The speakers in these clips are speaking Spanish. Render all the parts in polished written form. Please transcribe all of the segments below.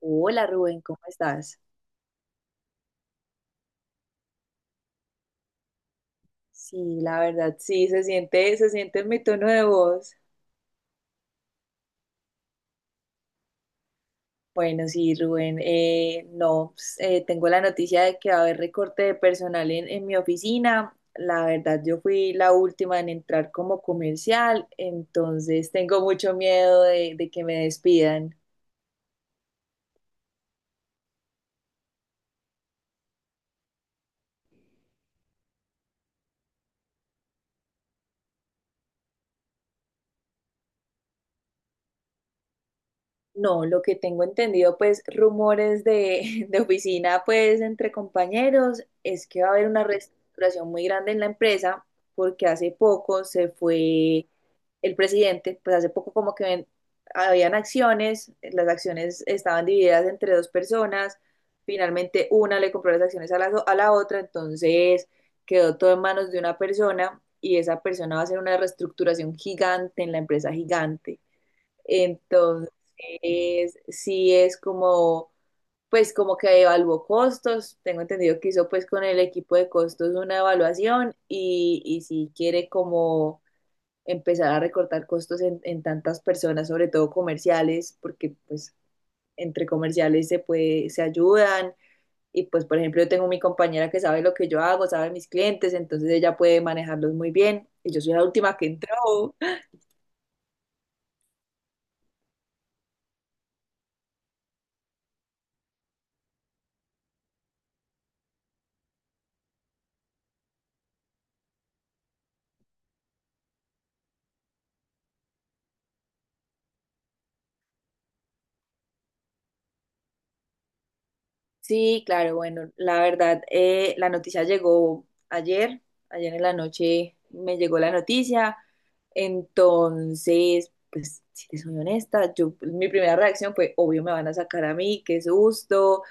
Hola Rubén, ¿cómo estás? Sí, la verdad, sí, se siente en mi tono de voz. Bueno, sí, Rubén, no, pues, tengo la noticia de que va a haber recorte de personal en mi oficina. La verdad, yo fui la última en entrar como comercial, entonces tengo mucho miedo de que me despidan. No, lo que tengo entendido, pues rumores de, de oficina, pues entre compañeros, es que va a haber una reestructuración muy grande en la empresa, porque hace poco se fue el presidente, pues hace poco como que habían acciones, las acciones estaban divididas entre dos personas, finalmente una le compró las acciones a la otra, entonces quedó todo en manos de una persona y esa persona va a hacer una reestructuración gigante en la empresa gigante. Entonces, sí es como, pues como que evaluó costos, tengo entendido que hizo pues con el equipo de costos una evaluación y sí quiere como empezar a recortar costos en tantas personas, sobre todo comerciales, porque pues entre comerciales se puede, se ayudan. Y pues, por ejemplo, yo tengo mi compañera que sabe lo que yo hago, sabe mis clientes, entonces ella puede manejarlos muy bien. Y yo soy la última que entró. Sí, claro, bueno, la verdad, la noticia llegó ayer, ayer en la noche me llegó la noticia, entonces, pues, si te soy honesta, yo, pues, mi primera reacción fue, obvio, me van a sacar a mí, qué susto,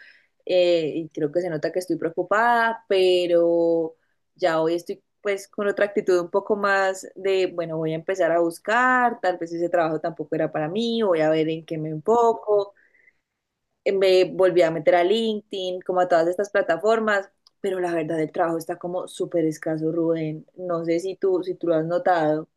y creo que se nota que estoy preocupada, pero ya hoy estoy, pues, con otra actitud un poco más de, bueno, voy a empezar a buscar, tal vez ese trabajo tampoco era para mí, voy a ver en qué me enfoco. Me volví a meter a LinkedIn, como a todas estas plataformas, pero la verdad el trabajo está como súper escaso, Rubén. No sé si tú, si tú lo has notado.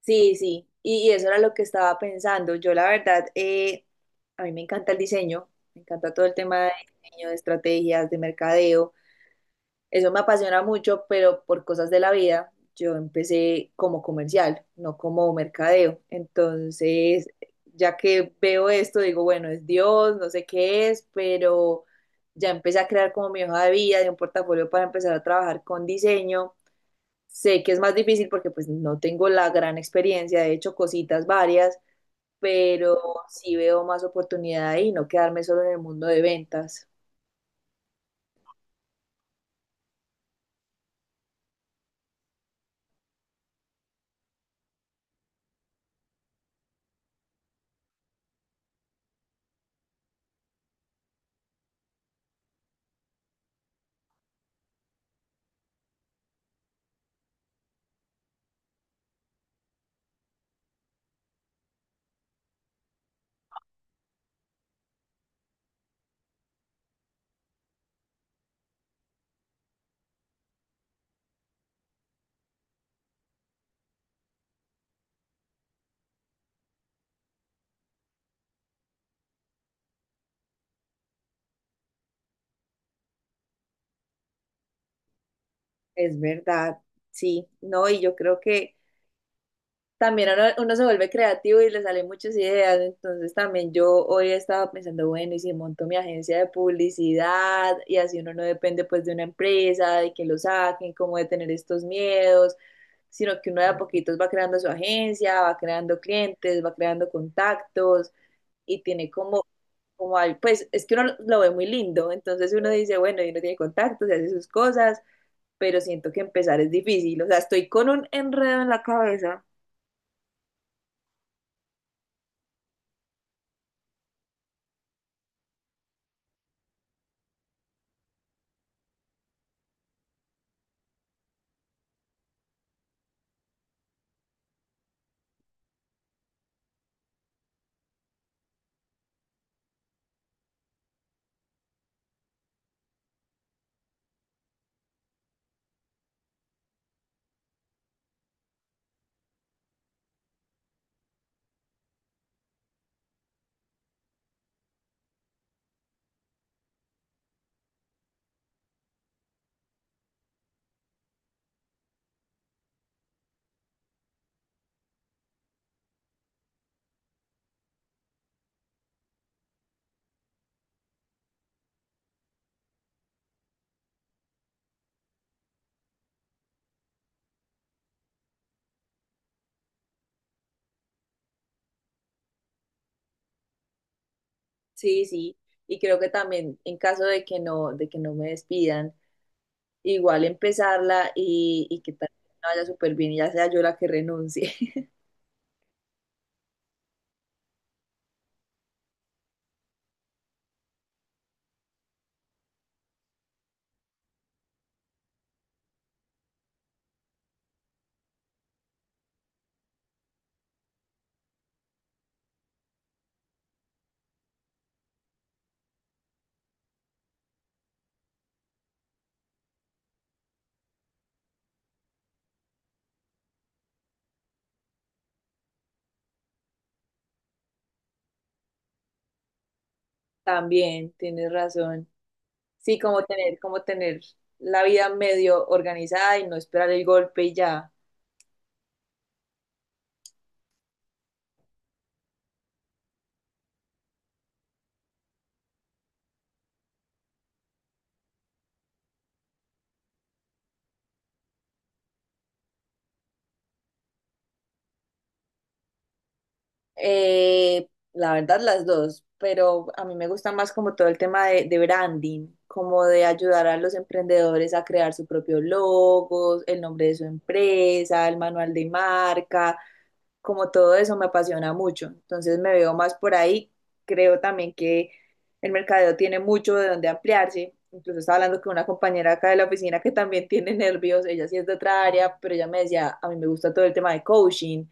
Sí, sí, y eso era lo que estaba pensando. Yo la verdad, a mí me encanta el diseño, me encanta todo el tema de diseño, de estrategias, de mercadeo. Eso me apasiona mucho, pero por cosas de la vida, yo empecé como comercial, no como mercadeo. Entonces, ya que veo esto, digo, bueno, es Dios, no sé qué es, pero ya empecé a crear como mi hoja de vida, de un portafolio para empezar a trabajar con diseño. Sé que es más difícil porque pues no tengo la gran experiencia, he hecho cositas varias, pero sí veo más oportunidad ahí, no quedarme solo en el mundo de ventas. Es verdad, sí, no, y yo creo que también uno, uno se vuelve creativo y le salen muchas ideas. Entonces también yo hoy estaba pensando, bueno, y si monto mi agencia de publicidad y así uno no depende pues de una empresa, de que lo saquen, como de tener estos miedos, sino que uno de a poquitos va creando su agencia, va creando clientes, va creando contactos y tiene como... Como pues es que uno lo ve muy lindo, entonces uno dice, bueno, y uno tiene contactos y hace sus cosas, pero siento que empezar es difícil, o sea, estoy con un enredo en la cabeza. Sí, sí, y creo que también en caso de que no me despidan, igual empezarla y que tal vez no vaya súper bien y ya sea yo la que renuncie. También tienes razón. Sí, como tener la vida medio organizada y no esperar el golpe y ya. La verdad, las dos, pero a mí me gusta más como todo el tema de branding, como de ayudar a los emprendedores a crear su propio logo, el nombre de su empresa, el manual de marca, como todo eso me apasiona mucho. Entonces me veo más por ahí. Creo también que el mercadeo tiene mucho de donde ampliarse. Incluso estaba hablando con una compañera acá de la oficina que también tiene nervios, ella sí es de otra área, pero ella me decía, a mí me gusta todo el tema de coaching,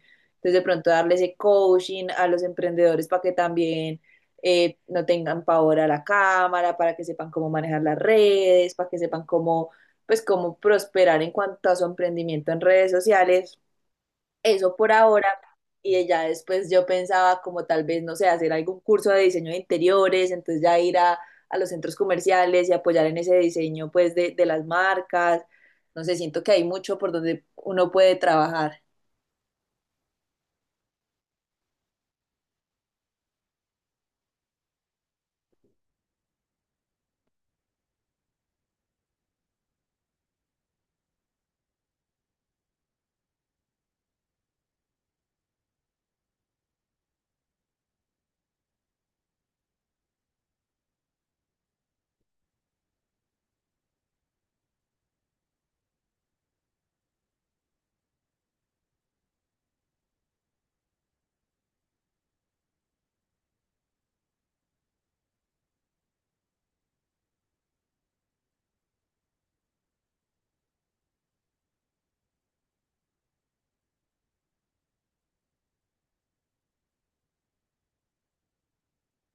entonces, de pronto darle ese coaching a los emprendedores para que también no tengan pavor a la cámara, para que sepan cómo manejar las redes, para que sepan cómo, pues, cómo prosperar en cuanto a su emprendimiento en redes sociales. Eso por ahora. Y ya después yo pensaba como tal vez, no sé, hacer algún curso de diseño de interiores, entonces ya ir a los centros comerciales y apoyar en ese diseño pues de las marcas. No sé, siento que hay mucho por donde uno puede trabajar.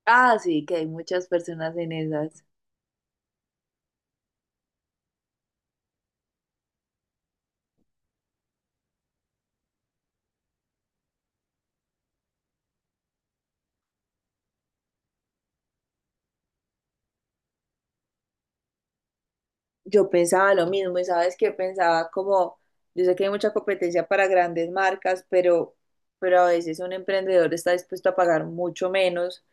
Ah, sí, que hay muchas personas en esas. Yo pensaba lo mismo y sabes que pensaba como, yo sé que hay mucha competencia para grandes marcas, pero a veces un emprendedor está dispuesto a pagar mucho menos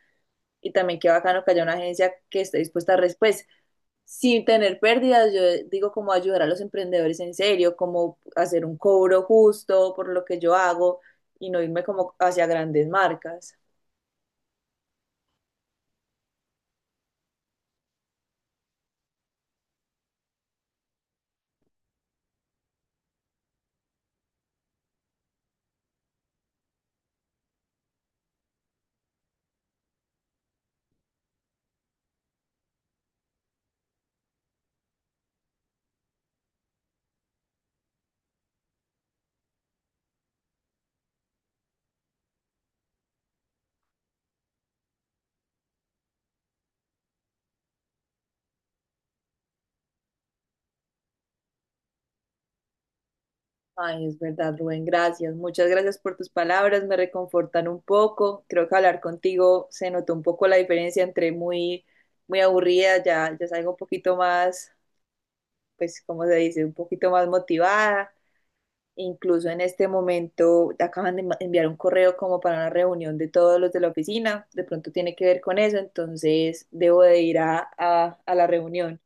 y también qué bacano que haya una agencia que esté dispuesta a después, sin tener pérdidas, yo digo como ayudar a los emprendedores en serio, como hacer un cobro justo por lo que yo hago y no irme como hacia grandes marcas. Ay, es verdad, Rubén, gracias. Muchas gracias por tus palabras, me reconfortan un poco. Creo que hablar contigo se notó un poco la diferencia entre muy, muy aburrida, ya, ya salgo un poquito más, pues, ¿cómo se dice? Un poquito más motivada. Incluso en este momento acaban de enviar un correo como para una reunión de todos los de la oficina. De pronto tiene que ver con eso, entonces debo de ir a la reunión.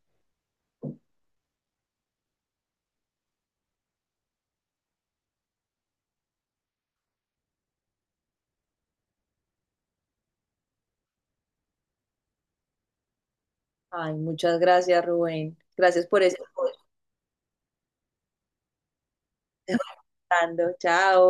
Ay, muchas gracias, Rubén. Gracias por ese... Chao.